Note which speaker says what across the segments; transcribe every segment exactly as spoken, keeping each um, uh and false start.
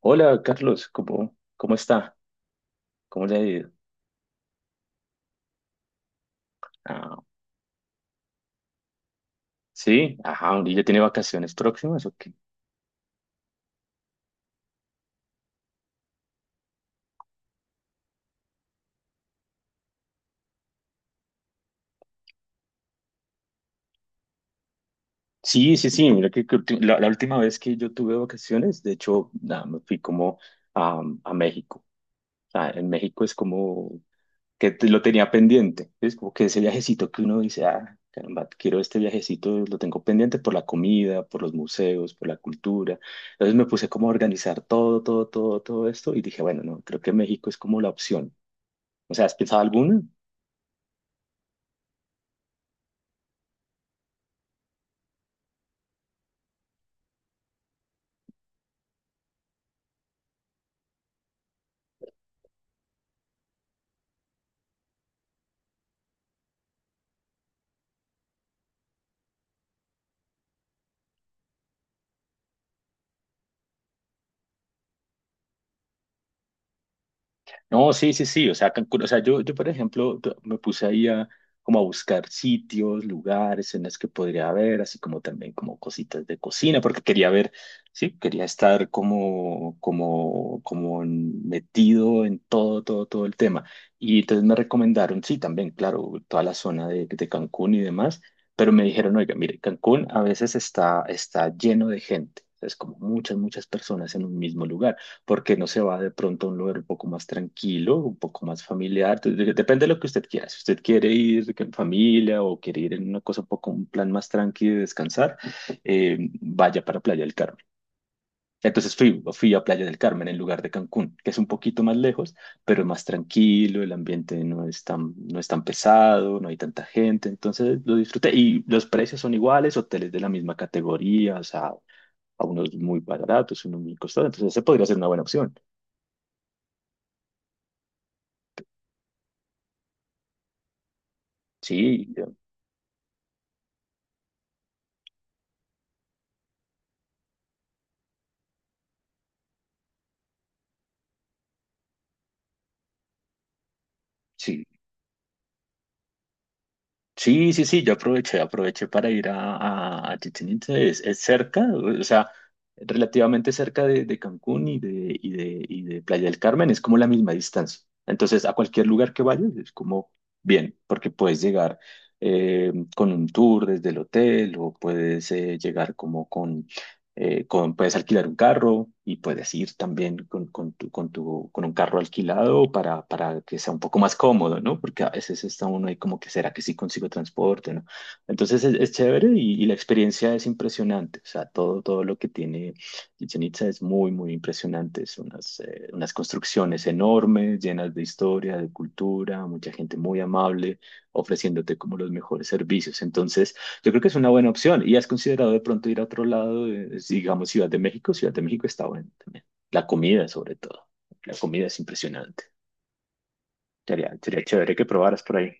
Speaker 1: Hola, Carlos, ¿cómo, cómo está? ¿Cómo le ha ido? Ah, sí, ajá, ¿y ya tiene vacaciones próximas o qué? Sí, sí, sí, mira que, que ulti- la, la última vez que yo tuve vacaciones, de hecho, nada, me fui como a, a México. O sea, en México es como que te- lo tenía pendiente, es como que ese viajecito que uno dice, ah, caramba, quiero este viajecito, lo tengo pendiente por la comida, por los museos, por la cultura. Entonces me puse como a organizar todo, todo, todo, todo esto y dije, bueno, no, creo que México es como la opción. O sea, ¿has pensado alguna? No, sí, sí, sí. O sea, Cancún, o sea, yo, yo, por ejemplo, t- me puse ahí a, como a buscar sitios, lugares en los que podría haber, así como también como cositas de cocina, porque quería ver, sí, quería estar como, como, como en- metido en todo, todo, todo el tema. Y entonces me recomendaron, sí, también, claro, toda la zona de, de Cancún y demás, pero me dijeron, oiga, mire, Cancún a veces está, está lleno de gente. Es como muchas, muchas personas en un mismo lugar. ¿Porque no se va de pronto a un lugar un poco más tranquilo, un poco más familiar? Entonces, de- depende de lo que usted quiera. Si usted quiere ir en familia o quiere ir en una cosa un poco, un plan más tranqui de descansar, eh, vaya para Playa del Carmen. Entonces fui, fui a Playa del Carmen en lugar de Cancún, que es un poquito más lejos, pero es más tranquilo, el ambiente no es tan, no es tan pesado, no hay tanta gente, entonces lo disfruté. Y los precios son iguales, hoteles de la misma categoría, o sea, a unos muy baratos, unos muy costosos, entonces se podría ser una buena opción. Sí, yo- sí, sí, sí, sí, yo aproveché, aproveché para ir a, a, a Chichén Itzá, es, es cerca, o sea, relativamente cerca de, de Cancún y de, y de, y de Playa del Carmen, es como la misma distancia. Entonces, a cualquier lugar que vayas, es como bien, porque puedes llegar eh, con un tour desde el hotel o puedes eh, llegar como eh, con, puedes alquilar un carro y puedes ir también con, con, tu, con, tu, con un carro alquilado para, para que sea un poco más cómodo, ¿no? Porque a veces está uno ahí como que será que sí consigo transporte, ¿no? Entonces es, es chévere y, y la experiencia es impresionante. O sea, todo, todo lo que tiene Chichén Itzá es muy, muy impresionante. Son unas, eh, unas construcciones enormes, llenas de historia, de cultura, mucha gente muy amable, ofreciéndote como los mejores servicios. Entonces, yo creo que es una buena opción. ¿Y has considerado de pronto ir a otro lado, eh, digamos Ciudad de México? Ciudad de México está bueno también. La comida, sobre todo. La comida es impresionante. Sería, sería chévere que probaras por ahí.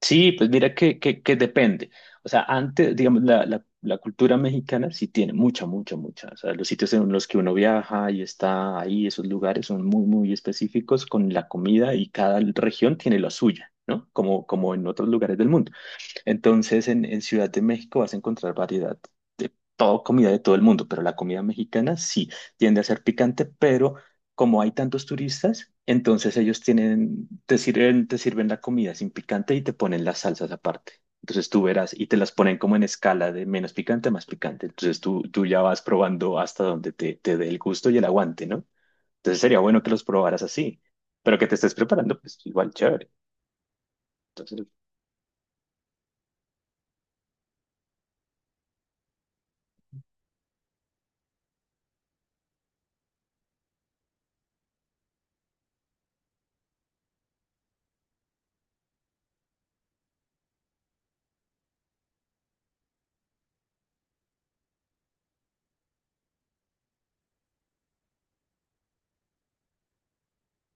Speaker 1: Sí, pues mira que, que, que depende. O sea, antes, digamos, la, la, la cultura mexicana sí tiene mucha, mucha, mucha. O sea, los sitios en los que uno viaja y está ahí, esos lugares son muy, muy específicos con la comida y cada región tiene la suya, ¿no? Como, como en otros lugares del mundo. Entonces, en, en Ciudad de México vas a encontrar variedad de toda comida de todo el mundo, pero la comida mexicana sí tiende a ser picante, pero como hay tantos turistas, entonces ellos tienen, te sirven, te sirven la comida sin picante y te ponen las salsas aparte. Entonces tú verás y te las ponen como en escala de menos picante a más picante. Entonces tú, tú ya vas probando hasta donde te, te dé el gusto y el aguante, ¿no? Entonces sería bueno que los probaras así, pero que te estés preparando, pues igual chévere. Entonces,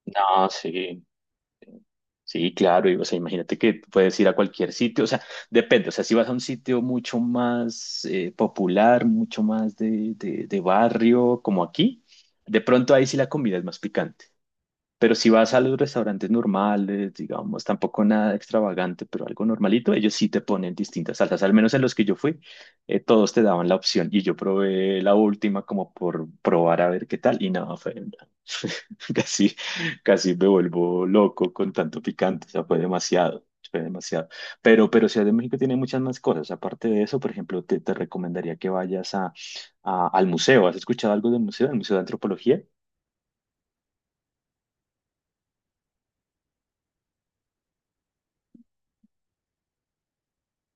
Speaker 1: no, sí. Sí, claro, y, o sea, imagínate que tú puedes ir a cualquier sitio, o sea, depende, o sea, si vas a un sitio mucho más eh, popular, mucho más de, de, de barrio, como aquí, de pronto ahí sí la comida es más picante, pero si vas a los restaurantes normales, digamos, tampoco nada extravagante, pero algo normalito, ellos sí te ponen distintas salsas. Al menos en los que yo fui, eh, todos te daban la opción. Y yo probé la última como por probar a ver qué tal. Y nada, fue, casi, casi me vuelvo loco con tanto picante. O sea, fue demasiado, fue demasiado. Pero, pero Ciudad de México tiene muchas más cosas. Aparte de eso, por ejemplo, te, te recomendaría que vayas a, a- al museo. ¿Has escuchado algo del museo? ¿El Museo de Antropología?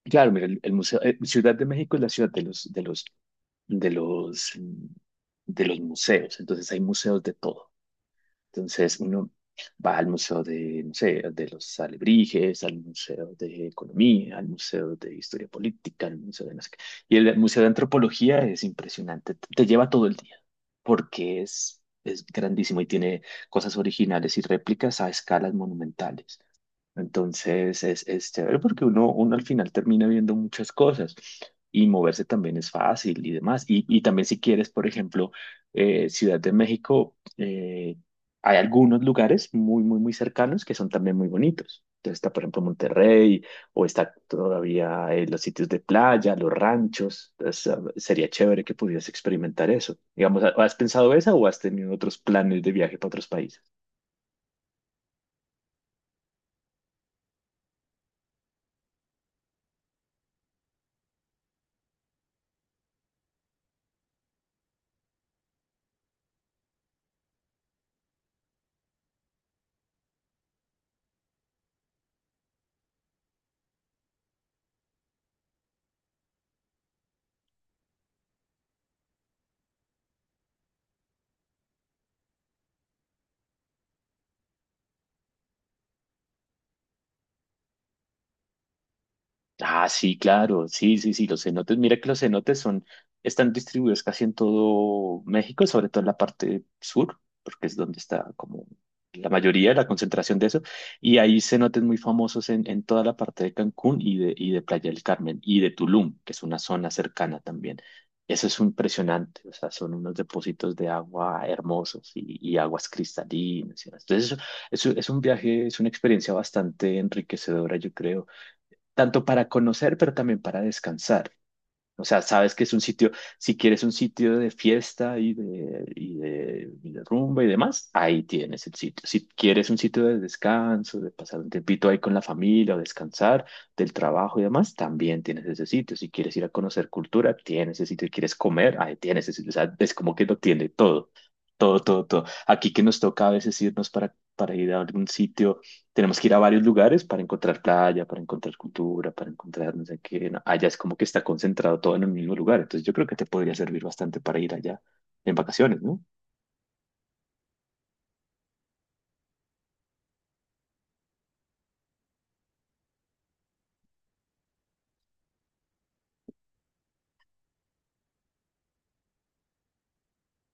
Speaker 1: Claro, mira, el, el museo, eh, Ciudad de México es la ciudad de los, de los, de los, mm, de los museos. Entonces hay museos de todo. Entonces uno va al museo de, no sé, de los alebrijes, al museo de economía, al museo de historia política, al museo de no sé qué. Y el museo de antropología es impresionante. Te, te lleva todo el día porque es, es grandísimo y tiene cosas originales y réplicas a escalas monumentales. Entonces es, es chévere porque uno, uno al final termina viendo muchas cosas y moverse también es fácil y demás. Y, y también si quieres, por ejemplo, eh, Ciudad de México, eh, hay algunos lugares muy, muy, muy cercanos que son también muy bonitos. Entonces está, por ejemplo, Monterrey o está todavía eh, los sitios de playa, los ranchos. Entonces, ah, sería chévere que pudieras experimentar eso. Digamos, ¿has pensado eso o has tenido otros planes de viaje para otros países? Ah, sí, claro, sí, sí, sí, los cenotes, mira que los cenotes son, están distribuidos casi en todo México, sobre todo en la parte sur, porque es donde está como la mayoría de la concentración de eso, y hay cenotes muy famosos en, en toda la parte de Cancún y de, y de Playa del Carmen y de Tulum, que es una zona cercana también. Eso es impresionante, o sea, son unos depósitos de agua hermosos y, y aguas cristalinas. y Entonces, eso- eso es un viaje, es una experiencia bastante enriquecedora, yo creo tanto para conocer, pero también para descansar. O sea, sabes que es un sitio, si quieres un sitio de fiesta y de, y de, y de rumba y demás, ahí tienes el sitio. Si quieres un sitio de descanso, de pasar un tiempito ahí con la familia o descansar del trabajo y demás, también tienes ese sitio. Si quieres ir a conocer cultura, tienes ese sitio. Si quieres comer, ahí tienes ese sitio. O sea, es como que lo tiene todo. Todo, todo, todo. Aquí que nos toca a veces irnos para, para ir a algún sitio tenemos que ir a varios lugares para encontrar playa, para encontrar cultura, para encontrar no sé qué. No, allá es como que está concentrado todo en un mismo lugar. Entonces yo creo que te podría servir bastante para ir allá en vacaciones, ¿no?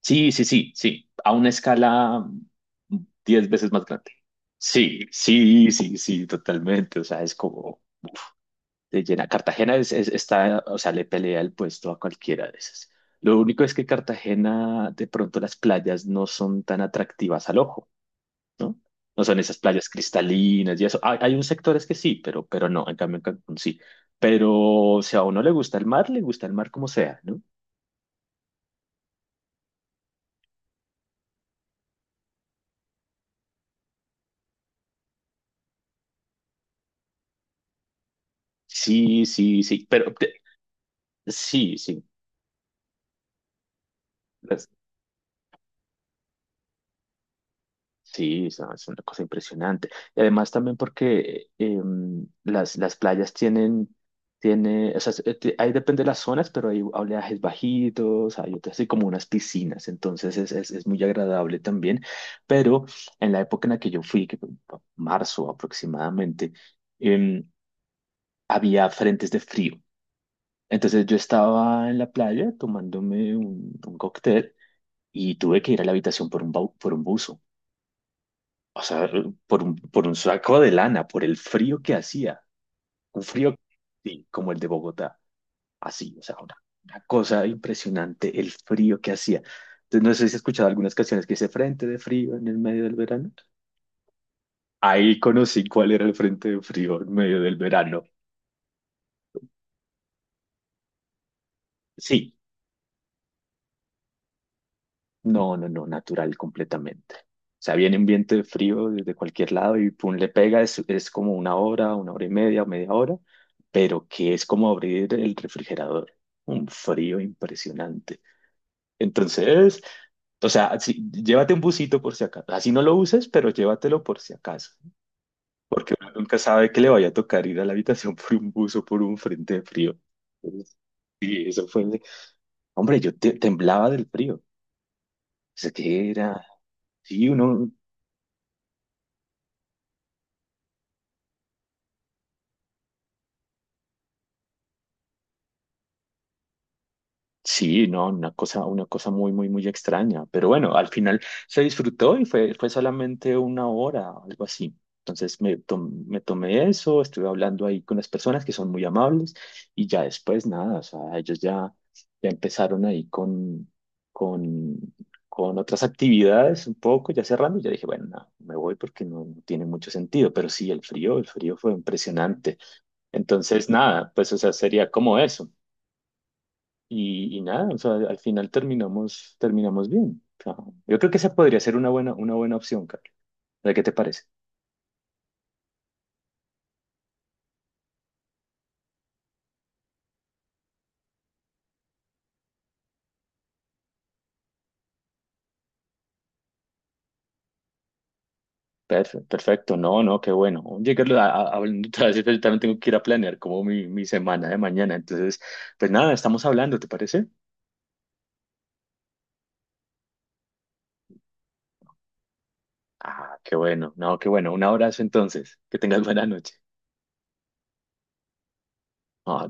Speaker 1: Sí, sí, sí, sí. A una escala mm, diez veces más grande. Sí, sí, sí, sí, totalmente. O sea, es como de llena. Cartagena es, es- está, o sea, le pelea el puesto a cualquiera de esas. Lo único es que Cartagena, de pronto las playas no son tan atractivas al ojo. ¿No? No son esas playas cristalinas y eso. Hay, hay un sectores que sí, pero, pero no, en cambio en Cancún sí. Pero si a uno le gusta el mar, le gusta el mar como sea, ¿no? Sí, sí, sí, pero te- sí, sí. Sí, es una es una cosa impresionante. Y además también porque eh, em, las, las playas tienen, tiene, o sea, es- eh, te- ahí depende de las zonas, pero hay oleajes bajitos, hay otras así como unas piscinas, entonces es, es, es muy agradable también. Pero en la época en la que yo fui, que fue marzo aproximadamente, em, había frentes de frío. Entonces yo estaba en la playa tomándome un, un cóctel y tuve que ir a la habitación por un, bau- por un buzo. O sea, por un, por un saco de lana, por el frío que hacía. Un frío, sí, como el de Bogotá. Así, o sea, una, una cosa impresionante, el frío que hacía. Entonces, no sé si has escuchado algunas canciones que dice Frente de frío en el medio del verano. Ahí conocí cuál era el frente de frío en medio del verano. Sí, No, no, no, natural completamente. O sea, viene un viento de frío desde cualquier lado y pum, le pega, es, es como una hora, una hora y media o media hora, pero que es como abrir el refrigerador. Un frío impresionante. Entonces, o sea, sí, llévate un busito por si acaso. Así no lo uses, pero llévatelo por si acaso. Uno nunca sabe que le vaya a tocar ir a la habitación por un bus o por un frente de frío. Entonces, sí, eso fue. Hombre, yo te- temblaba del frío. O sea, que era. Sí, uno. Sí, no, una cosa, una cosa muy, muy, muy extraña. Pero bueno, al final se disfrutó y fue, fue solamente una hora, algo así. Entonces me, tom- me tomé eso, estuve hablando ahí con las personas que son muy amables y ya después nada, o sea, ellos ya, ya empezaron ahí con, con, con otras actividades un poco, ya cerrando, y ya dije, bueno, nada, me voy porque no, no tiene mucho sentido, pero sí, el frío, el frío fue impresionante. Entonces nada, pues o sea, sería como eso. Y, y nada, o sea, al final terminamos, terminamos bien. O sea, yo creo que esa podría ser una buena, una buena opción, Carlos. ¿De qué te parece? Perfe- Perfecto, no, no, qué bueno. Oye, Carlos, a- a- hablando otra vez, yo también tengo que ir a planear como mi, mi semana de mañana. Entonces, pues nada, estamos hablando, ¿te parece? Ah, qué bueno, no, qué bueno. Un abrazo entonces. Que tengas buena noche. Ah,